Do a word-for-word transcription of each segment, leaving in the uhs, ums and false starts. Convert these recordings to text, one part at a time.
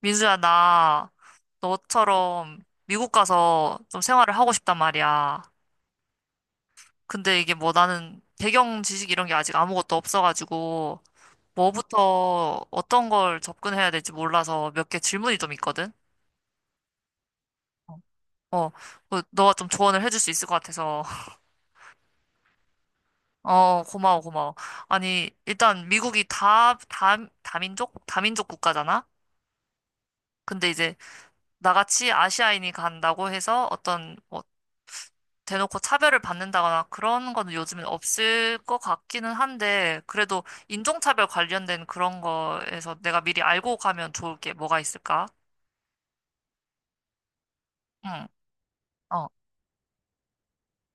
민수야, 나 너처럼 미국 가서 좀 생활을 하고 싶단 말이야. 근데 이게 뭐 나는 배경 지식 이런 게 아직 아무것도 없어가지고 뭐부터 어떤 걸 접근해야 될지 몰라서 몇 개 질문이 좀 있거든? 어, 그 너가 좀 조언을 해줄 수 있을 것 같아서. 어, 고마워, 고마워. 아니, 일단 미국이 다, 다, 다민족? 다민족 국가잖아? 근데 이제 나같이 아시아인이 간다고 해서 어떤 뭐 대놓고 차별을 받는다거나 그런 거는 요즘엔 없을 것 같기는 한데, 그래도 인종차별 관련된 그런 거에서 내가 미리 알고 가면 좋을 게 뭐가 있을까? 응, 어,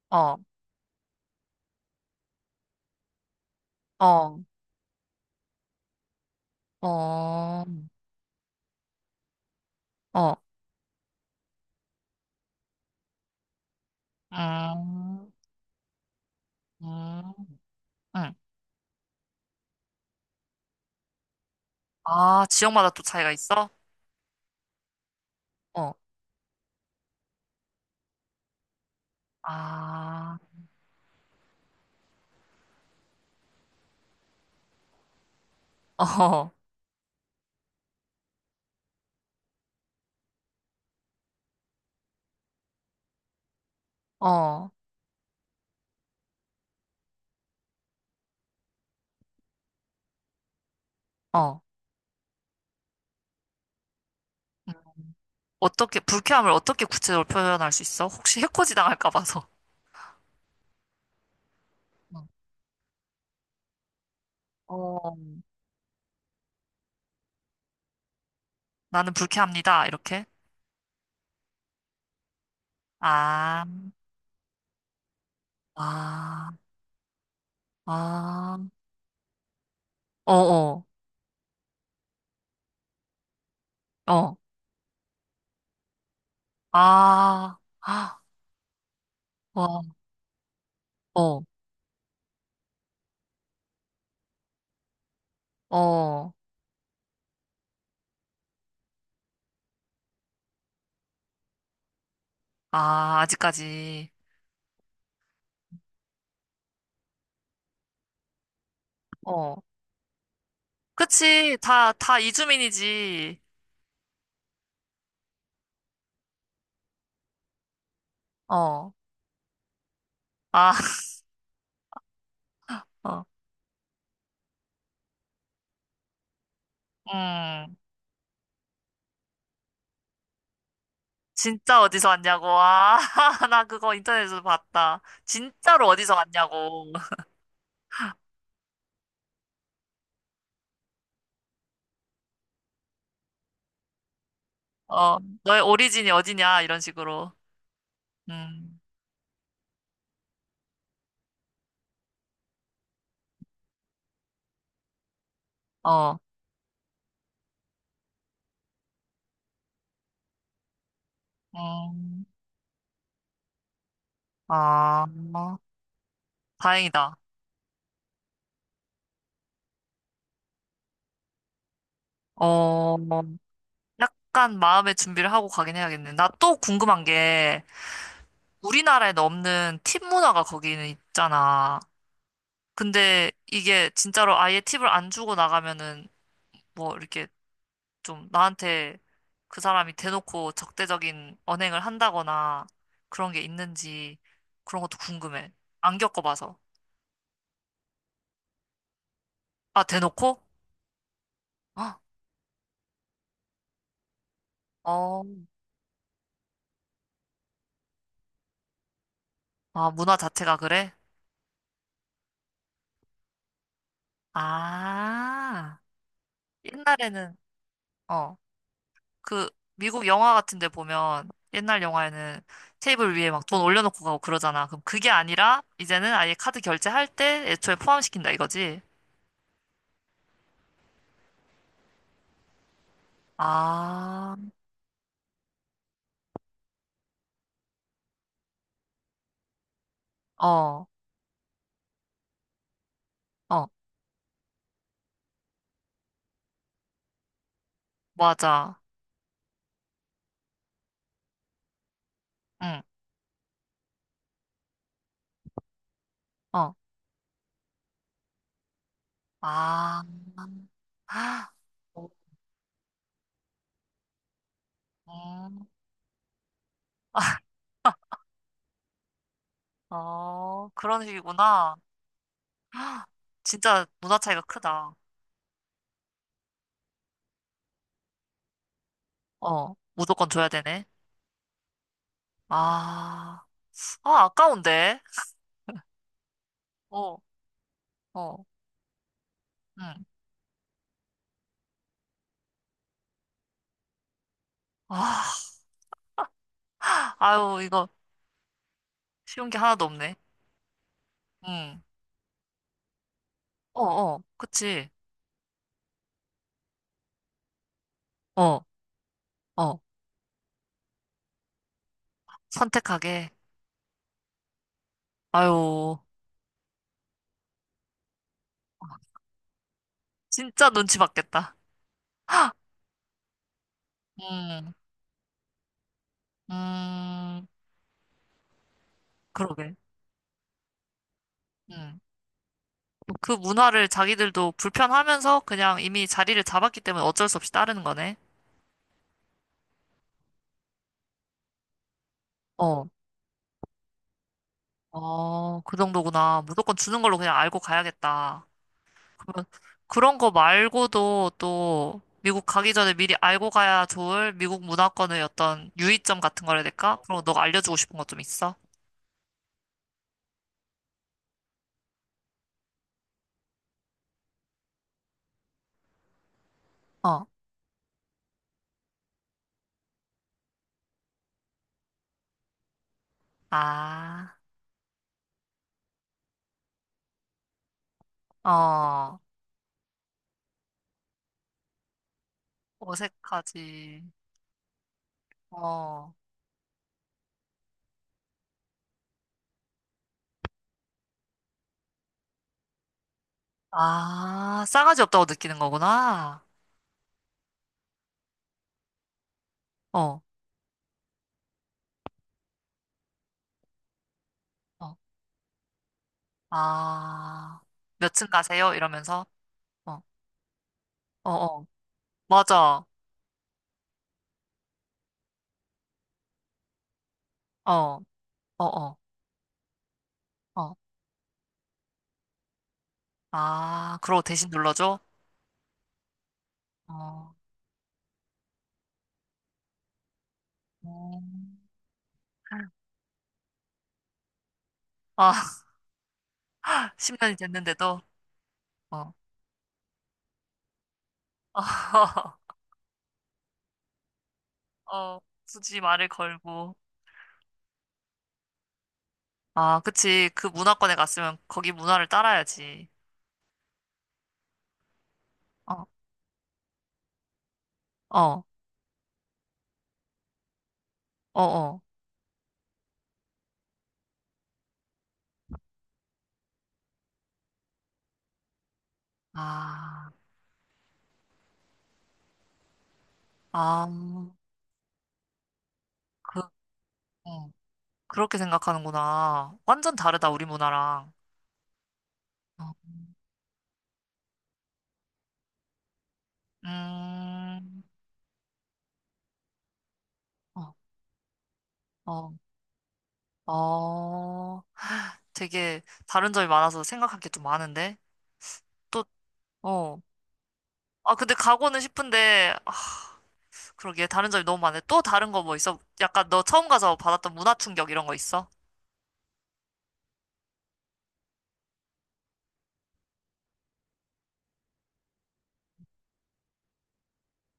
어, 어, 어, 어, 음, 음, 응. 아, 지역마다 또 차이가 있어? 어, 아, 어, 어, 어. 음. 어떻게, 불쾌함을 어떻게 구체적으로 표현할 수 있어? 혹시 해코지 당할까 봐서. 응. 어, 나는 불쾌합니다. 이렇게. 아, 아, 아, 어, 어, 어, 아, 아, 와, 어, 어, 아, 아직까지, 어, 그치, 다, 다 이주민이지, 어, 아, 어, 음, 진짜 어디서 왔냐고, 아, 나 그거 인터넷에서 봤다. 진짜로 어디서 왔냐고, 어, 너의 오리진이 어디냐, 이런 식으로, 음, 어, 음, 아, 뭐, 다행이다. 어, 약간 마음의 준비를 하고 가긴 해야겠네. 나 또 궁금한 게 우리나라에는 없는 팁 문화가 거기는 있잖아. 근데 이게 진짜로 아예 팁을 안 주고 나가면은 뭐 이렇게 좀 나한테 그 사람이 대놓고 적대적인 언행을 한다거나 그런 게 있는지 그런 것도 궁금해. 안 겪어봐서. 아, 대놓고? 어, 어. 아, 문화 자체가 그래? 아, 옛날에는, 어. 그 미국 영화 같은 데 보면 옛날 영화에는 테이블 위에 막 돈 올려놓고 가고 그러잖아. 그럼 그게 아니라 이제는 아예 카드 결제할 때 애초에 포함시킨다 이거지? 아, 어, 어, 맞아. 응, 어, 아, 아, 어, 음. 어, 그런 식이구나. 헉, 진짜 문화 차이가 크다. 어, 무조건 줘야 되네. 아, 아, 아까운데. 어, 어, 응. 아, 아유, 이거 쉬운 게 하나도 없네. 응. 어, 어, 그치. 어, 어. 선택하게. 아유, 진짜 눈치 받겠다. 음, 음, 그러게. 음. 그 문화를 자기들도 불편하면서 그냥 이미 자리를 잡았기 때문에 어쩔 수 없이 따르는 거네. 어, 어, 그 정도구나. 무조건 주는 걸로 그냥 알고 가야겠다. 그러면 그런 거 말고도 또 미국 가기 전에 미리 알고 가야 좋을 미국 문화권의 어떤 유의점 같은 거라 해야 될까? 그런 거 너가 알려주고 싶은 거 좀 있어? 어. 아, 어. 어색하지. 어. 아, 싸가지 없다고 느끼는 거구나. 어. 어. 아, 몇층 가세요? 이러면서. 어. 어, 어. 맞아. 어. 어, 어. 어. 아, 그러고 대신 눌러줘? 어. 어. 아, 십 년이 됐는데도, 어. 어, 굳이 말을 걸고. 아, 그치. 그 문화권에 갔으면 거기 문화를 따라야지. 어, 어, 어, 어. 아, 아, 그, 어, 그렇게 생각하는구나. 완전 다르다, 우리 문화랑. 어, 음, 어, 어, 어. 되게 다른 점이 많아서 생각할 게 좀 많은데? 또, 어. 아, 근데 가고는 싶은데, 아, 그러게 다른 점이 너무 많네. 또 다른 거 뭐 있어? 약간 너 처음 가서 받았던 문화 충격 이런 거 있어?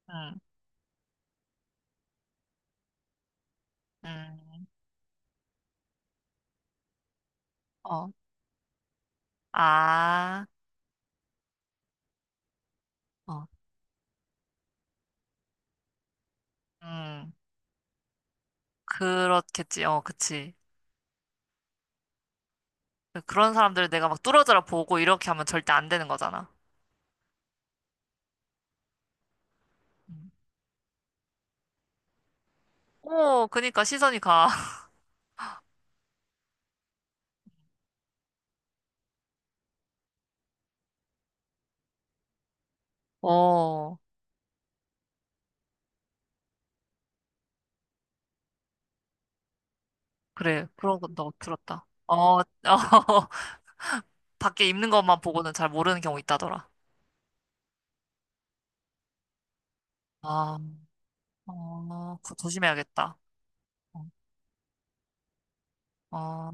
응, 응, 어, 아, 어, 음, 그렇겠지. 어, 그치. 그런 사람들을 내가 막 뚫어져라 보고 이렇게 하면 절대 안 되는 거잖아. 음. 오, 그니까 시선이 가. 어, 그래. 그런 건 너 들었다. 어, 어, 밖에 입는 것만 보고는 잘 모르는 경우 있다더라. 아, 어, 그거 조심해야겠다. 어. 어.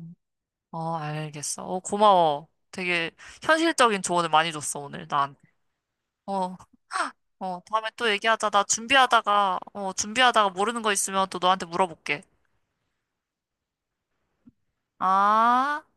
어, 알겠어. 어, 고마워. 되게 현실적인 조언을 많이 줬어, 오늘 난. 어, 어, 다음에 또 얘기하자. 나 준비하다가, 어, 준비하다가 모르는 거 있으면 또 너한테 물어볼게. 아.